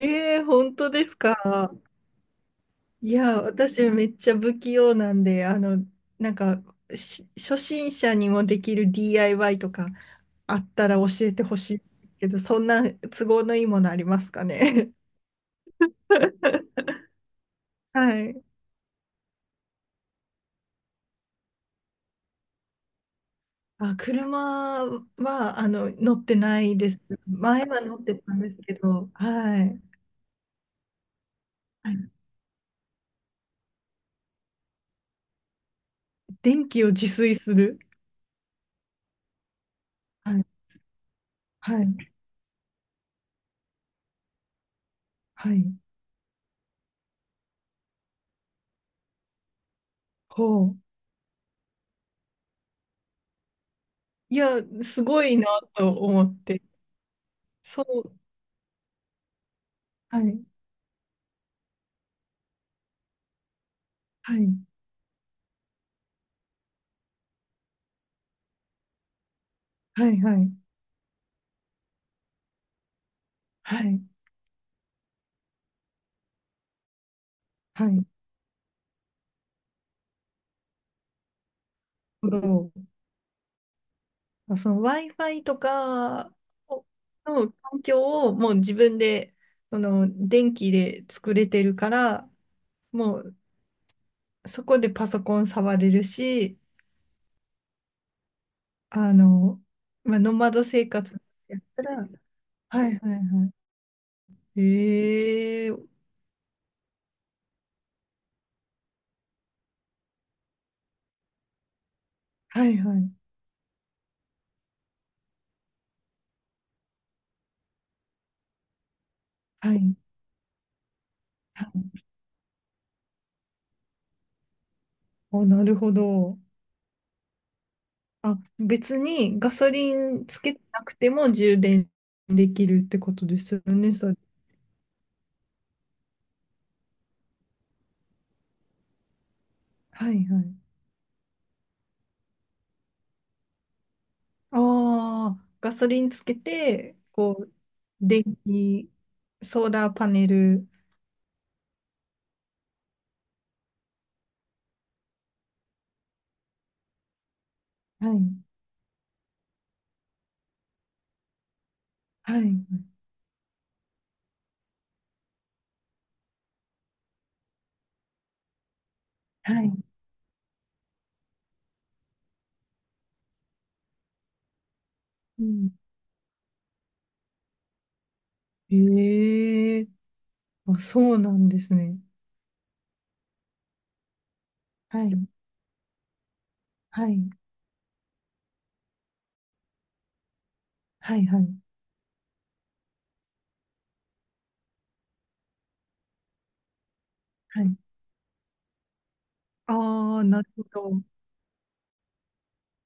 ええー、本当ですか？いや、私めっちゃ不器用なんで、なんか、初心者にもできる DIY とかあったら教えてほしいけど、そんな都合のいいものありますかね？はい。あ、車は、乗ってないです。前は乗ってたんですけど、はい。はい、電気を自炊する。はい。はい。はい。ほう。いや、すごいなと思って。そう。はい、はい、はい、はい、はい、はい。なるほど。あ、その Wi-Fi とかをの環境をもう自分で、その電気で作れてるから、もうそこでパソコン触れるし、あの、まあ、ノマド生活やったら、はいはいはい。ええ、はいはい、はい、はい。お、なるほど。あ、別にガソリンつけてなくても充電できるってことですよね、それ。はいはい。ああ、ガソリンつけて、こう、電気、ソーラーパネル。はい、はい、はい。うん、ええ、あ、そうなんですね。はい、はい、はい、はい、はい。ああ、なるほど。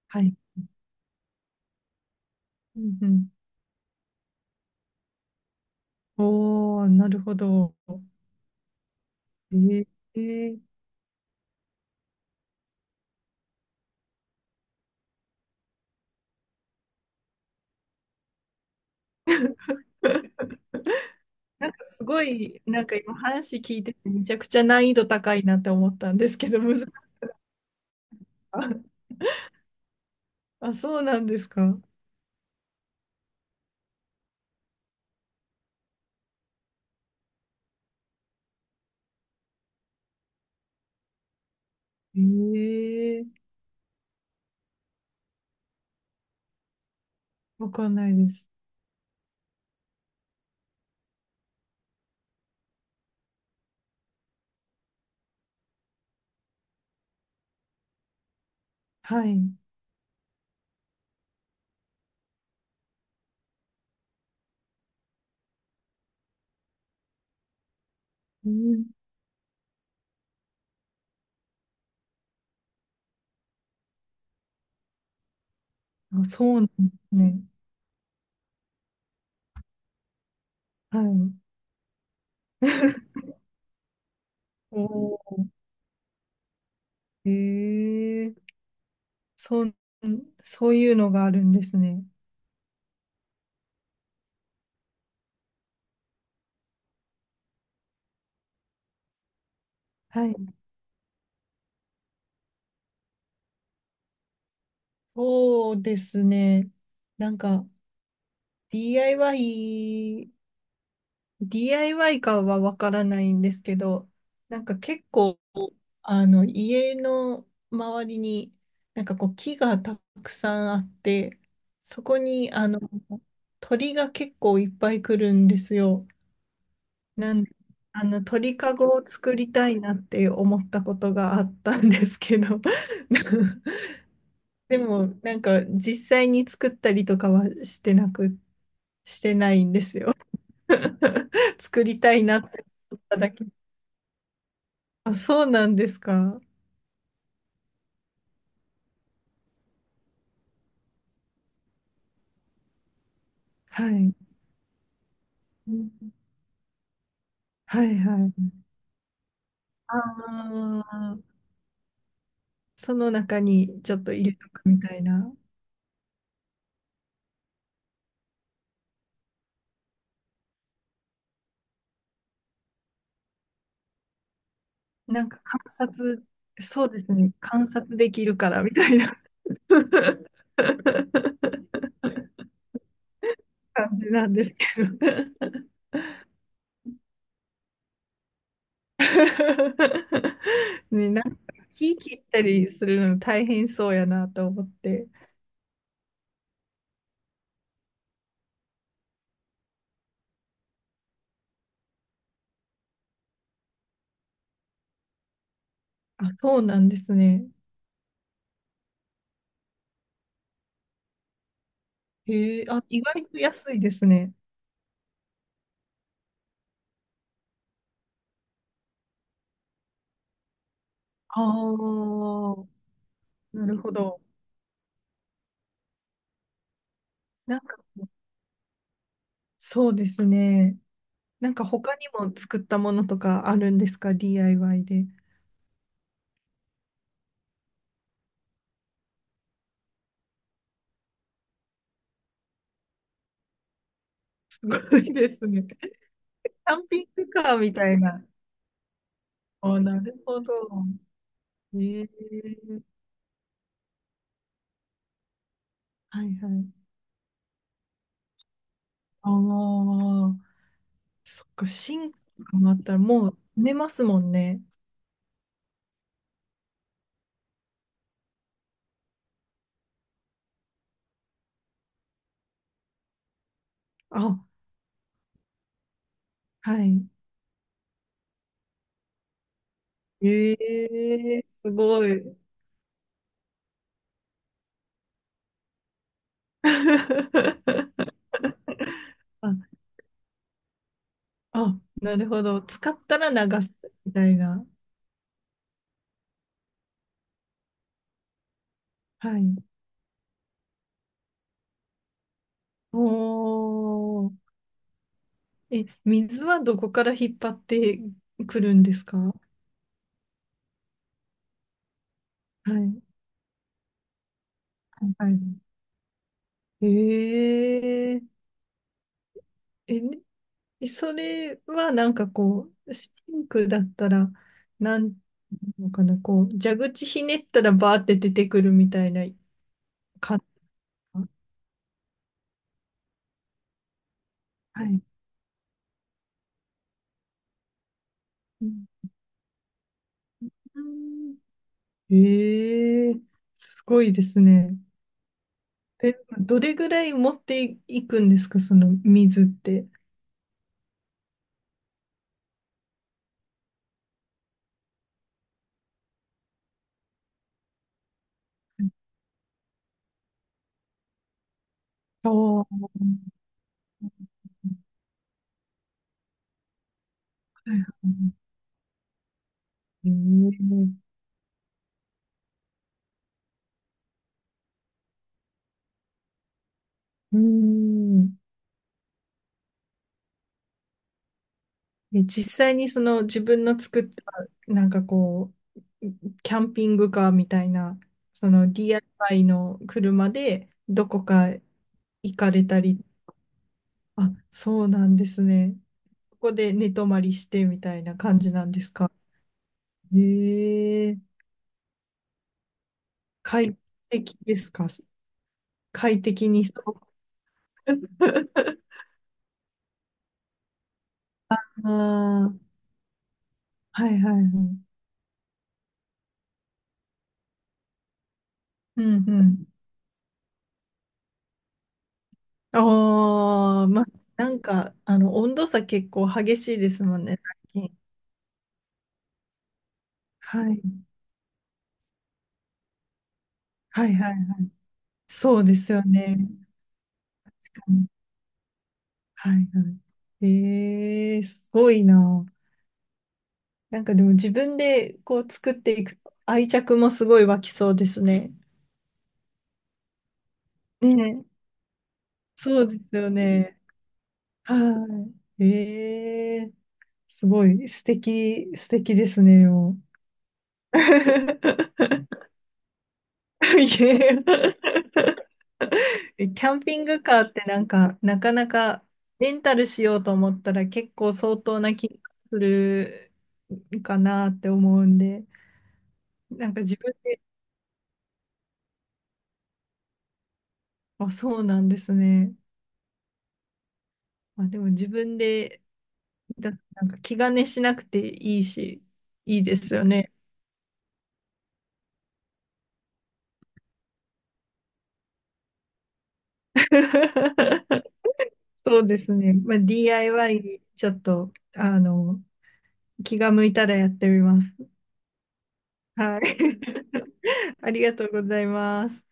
はい。うん、うん。おー、なるほど。ええ。 なんかすごい、なんか今話聞いててめちゃくちゃ難易度高いなって思ったんですけど、難しい。あ、そうなんですか。ええ、わかんないです。はい。うん、あ、そうなんですね。はい。おー、ええ、そう、そういうのがあるんですね。はい。そうですね。なんか DIY、DIY かはわからないんですけど、なんか結構、家の周りに、なんかこう、木がたくさんあって、そこに、鳥が結構いっぱい来るんですよ。なんあの、鳥かごを作りたいなって思ったことがあったんですけど、でも、なんか、実際に作ったりとかはしてないんですよ。作りたいなって思っただけ。あ、そうなんですか。はい。はいはい。ああ、その中にちょっと入れとくみたいな。なんか観察、そうですね、観察できるからみたいな 感じなんですけど。 ね、なんか木切ったりするの大変そうやなと思って。あ、そうなんですね。へえ、あ、意外と安いですね。ああ、なるほど。なんか、そうですね。なんか他にも作ったものとかあるんですか？ DIY で。すごいですね。キャンピングカーみたいな。あ、なるほど。ええ、はいはい。ああ、そっか、シンクとかもあったらもう埋めますもんね。あ、はい。ええ、すごい。あ、あ、なるほど。使ったら流すみたいな。はい。おー、え、水はどこから引っ張ってくるんですか？はい。はいはい。えー、え、ねえ、それはなんかこう、シンクだったら、なんていうのかな、こう、蛇口ひねったらバーって出てくるみたいな感じ。はい。うん、えー、すごいですね。え、どれぐらい持っていくんですか、その水って。ああ、はいはい、うーん。うーん、え、実際にその自分の作った、なんかこう、キャンピングカーみたいな、その DIY の車でどこか行かれたり、あ、そうなんですね。ここで寝泊まりしてみたいな感じなんですか。へえ、快適ですか。快適にそう。ああ、はいはいはい。うんうん。ああ、まあ、なんか、温度差結構激しいですもんね、最近。はい。はいはい。そうですよね。うん、はいはい。ええ、すごいな。なんかでも自分でこう作っていくと愛着もすごい湧きそうですね。ねえ。そうですよね。はい。ええ、すごい素敵、素敵ですね、もう。いや、キャンピングカーってなんか、なかなかレンタルしようと思ったら結構相当な気がするかなって思うんで、なんか自分で、あ、そうなんですね。まあ、でも自分で、なんか気兼ねしなくていいし、いいですよね。そうですね。まあ、DIY ちょっと、気が向いたらやってみます。はい。ありがとうございます。